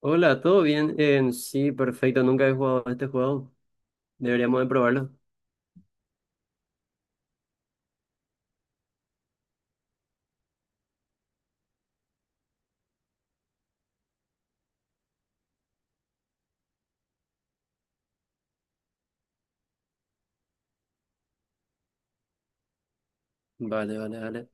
Hola, ¿todo bien? Sí, perfecto, nunca he jugado a este juego. Deberíamos de probarlo. Vale, vale, vale.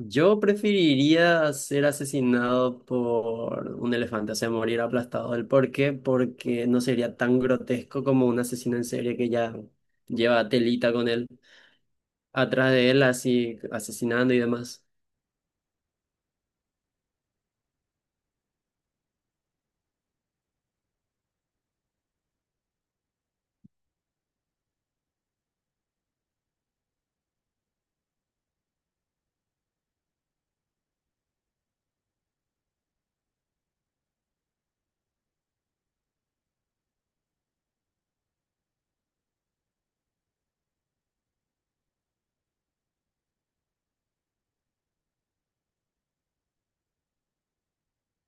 Yo preferiría ser asesinado por un elefante, o sea, morir aplastado. ¿El por qué? Porque no sería tan grotesco como un asesino en serie que ya lleva telita con él, atrás de él así asesinando y demás.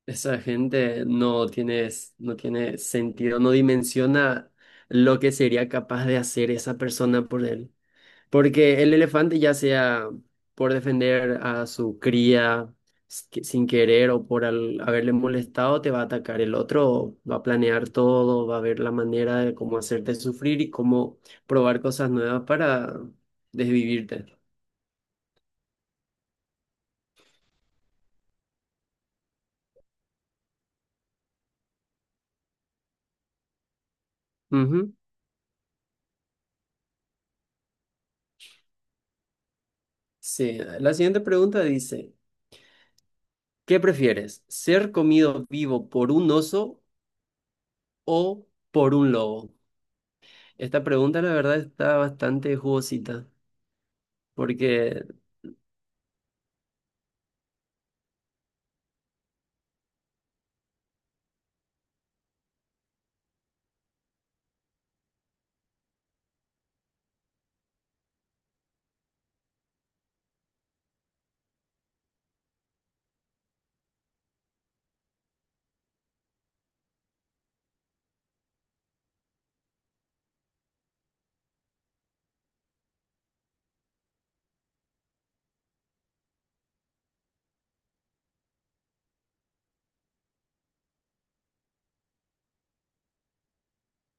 Esa gente no tiene, no tiene sentido, no dimensiona lo que sería capaz de hacer esa persona por él. Porque el elefante, ya sea por defender a su cría sin querer o por haberle molestado, te va a atacar. El otro va a planear todo, va a ver la manera de cómo hacerte sufrir y cómo probar cosas nuevas para desvivirte. Ujú. Sí, la siguiente pregunta dice, ¿qué prefieres? ¿Ser comido vivo por un oso o por un lobo? Esta pregunta, la verdad, está bastante jugosita. Porque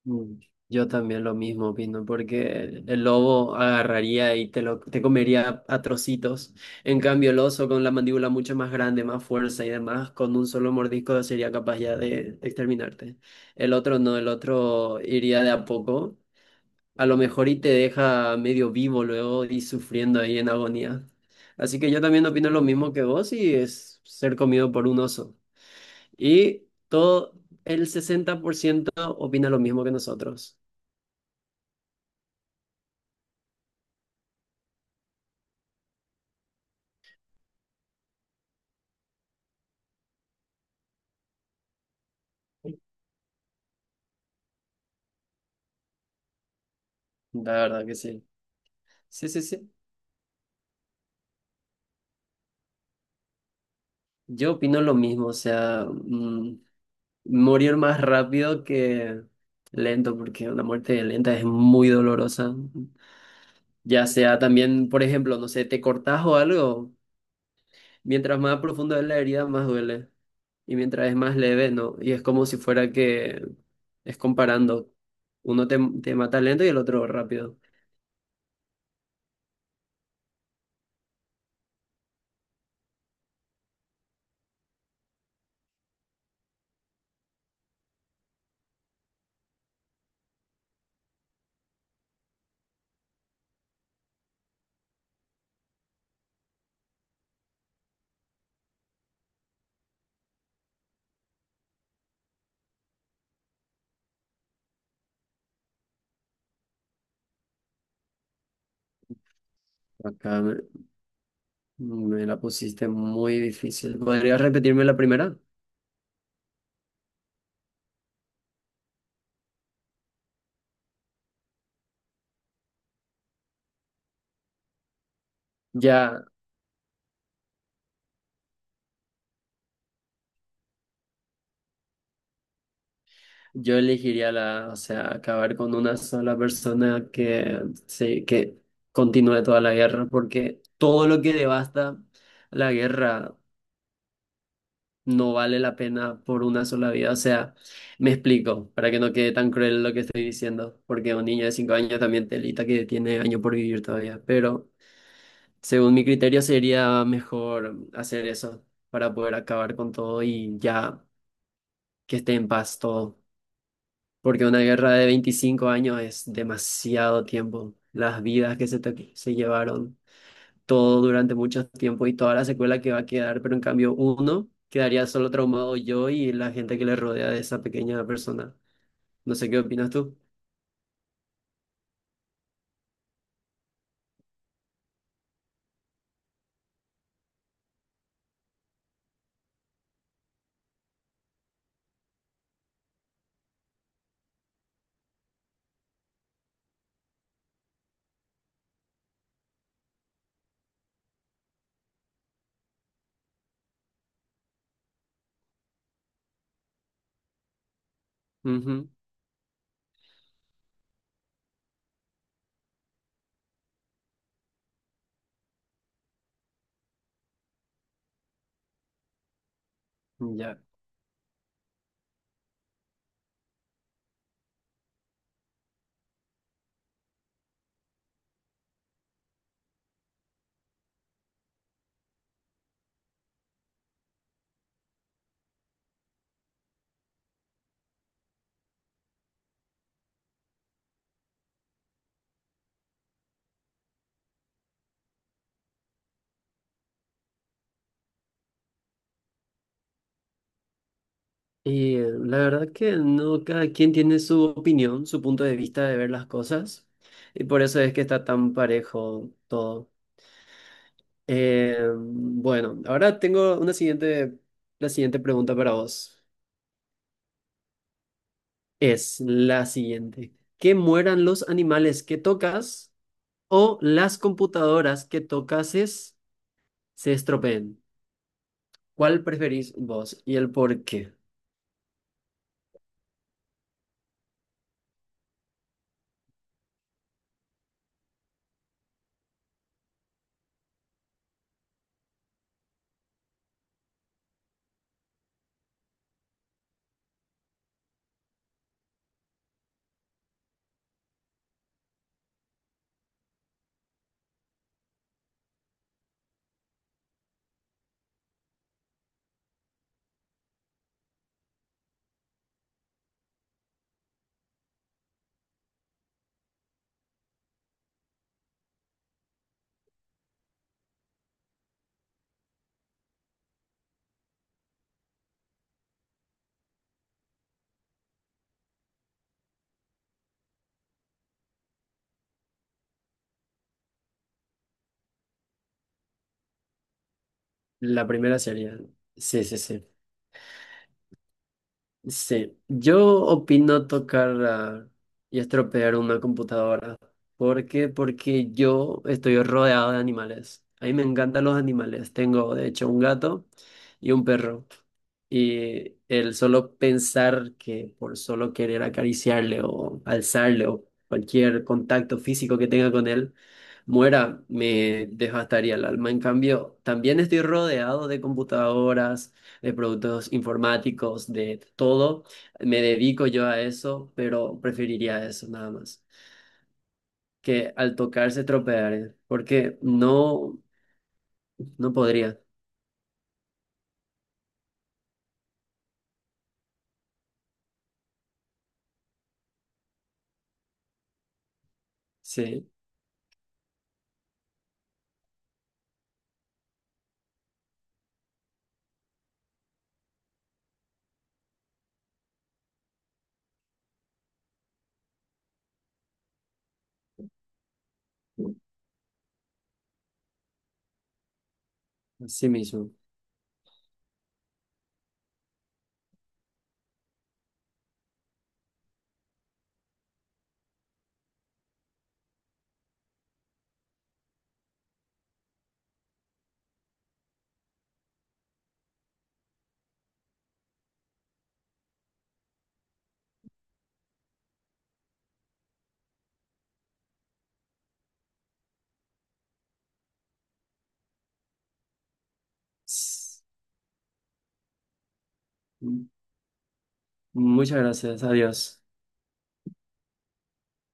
Mm, Yo también lo mismo opino, porque el lobo agarraría y te comería a trocitos. En cambio, el oso con la mandíbula mucho más grande, más fuerza y demás, con un solo mordisco sería capaz ya de exterminarte. El otro no, el otro iría de a poco, a lo mejor y te deja medio vivo luego y sufriendo ahí en agonía. Así que yo también opino lo mismo que vos y es ser comido por un oso. Y todo el 60 por ciento opina lo mismo que nosotros. La verdad que sí. Sí, sí, sí. Yo opino lo mismo, o sea, morir más rápido que lento, porque una muerte lenta es muy dolorosa. Ya sea también, por ejemplo, no sé, te cortas o algo, mientras más profundo es la herida, más duele. Y mientras es más leve, ¿no? Y es como si fuera que es comparando. Uno te mata lento y el otro rápido. Acá me, me la pusiste muy difícil. ¿Podrías repetirme la primera? Ya. Yo elegiría o sea, acabar con una sola persona que continúe toda la guerra, porque todo lo que devasta la guerra no vale la pena por una sola vida. O sea, me explico, para que no quede tan cruel lo que estoy diciendo, porque un niño de 5 años también telita que tiene años por vivir todavía, pero según mi criterio sería mejor hacer eso para poder acabar con todo y ya que esté en paz todo. Porque una guerra de 25 años es demasiado tiempo. Las vidas que se llevaron, todo durante mucho tiempo y toda la secuela que va a quedar, pero en cambio uno quedaría solo traumado yo y la gente que le rodea de esa pequeña persona. No sé qué opinas tú. Ujú, ya. Y la verdad que no, cada quien tiene su opinión, su punto de vista de ver las cosas, y por eso es que está tan parejo todo. Bueno, ahora tengo la siguiente pregunta para vos. Es la siguiente. ¿Que mueran los animales que tocas o las computadoras que tocases se estropeen? ¿Cuál preferís vos y el por qué? La primera sería. Sí, sí, sí. Sí, yo opino y estropear una computadora. ¿Por qué? Porque yo estoy rodeado de animales. A mí me encantan los animales. Tengo, de hecho, un gato y un perro. Y el solo pensar que por solo querer acariciarle o alzarle o cualquier contacto físico que tenga con él, muera, me devastaría el alma. En cambio, también estoy rodeado de computadoras de productos informáticos, de todo. Me dedico yo a eso, pero preferiría eso nada más. Que al tocar se tropear, ¿eh? Porque no, no podría. Sí, así mismo. S- Muchas gracias, adiós.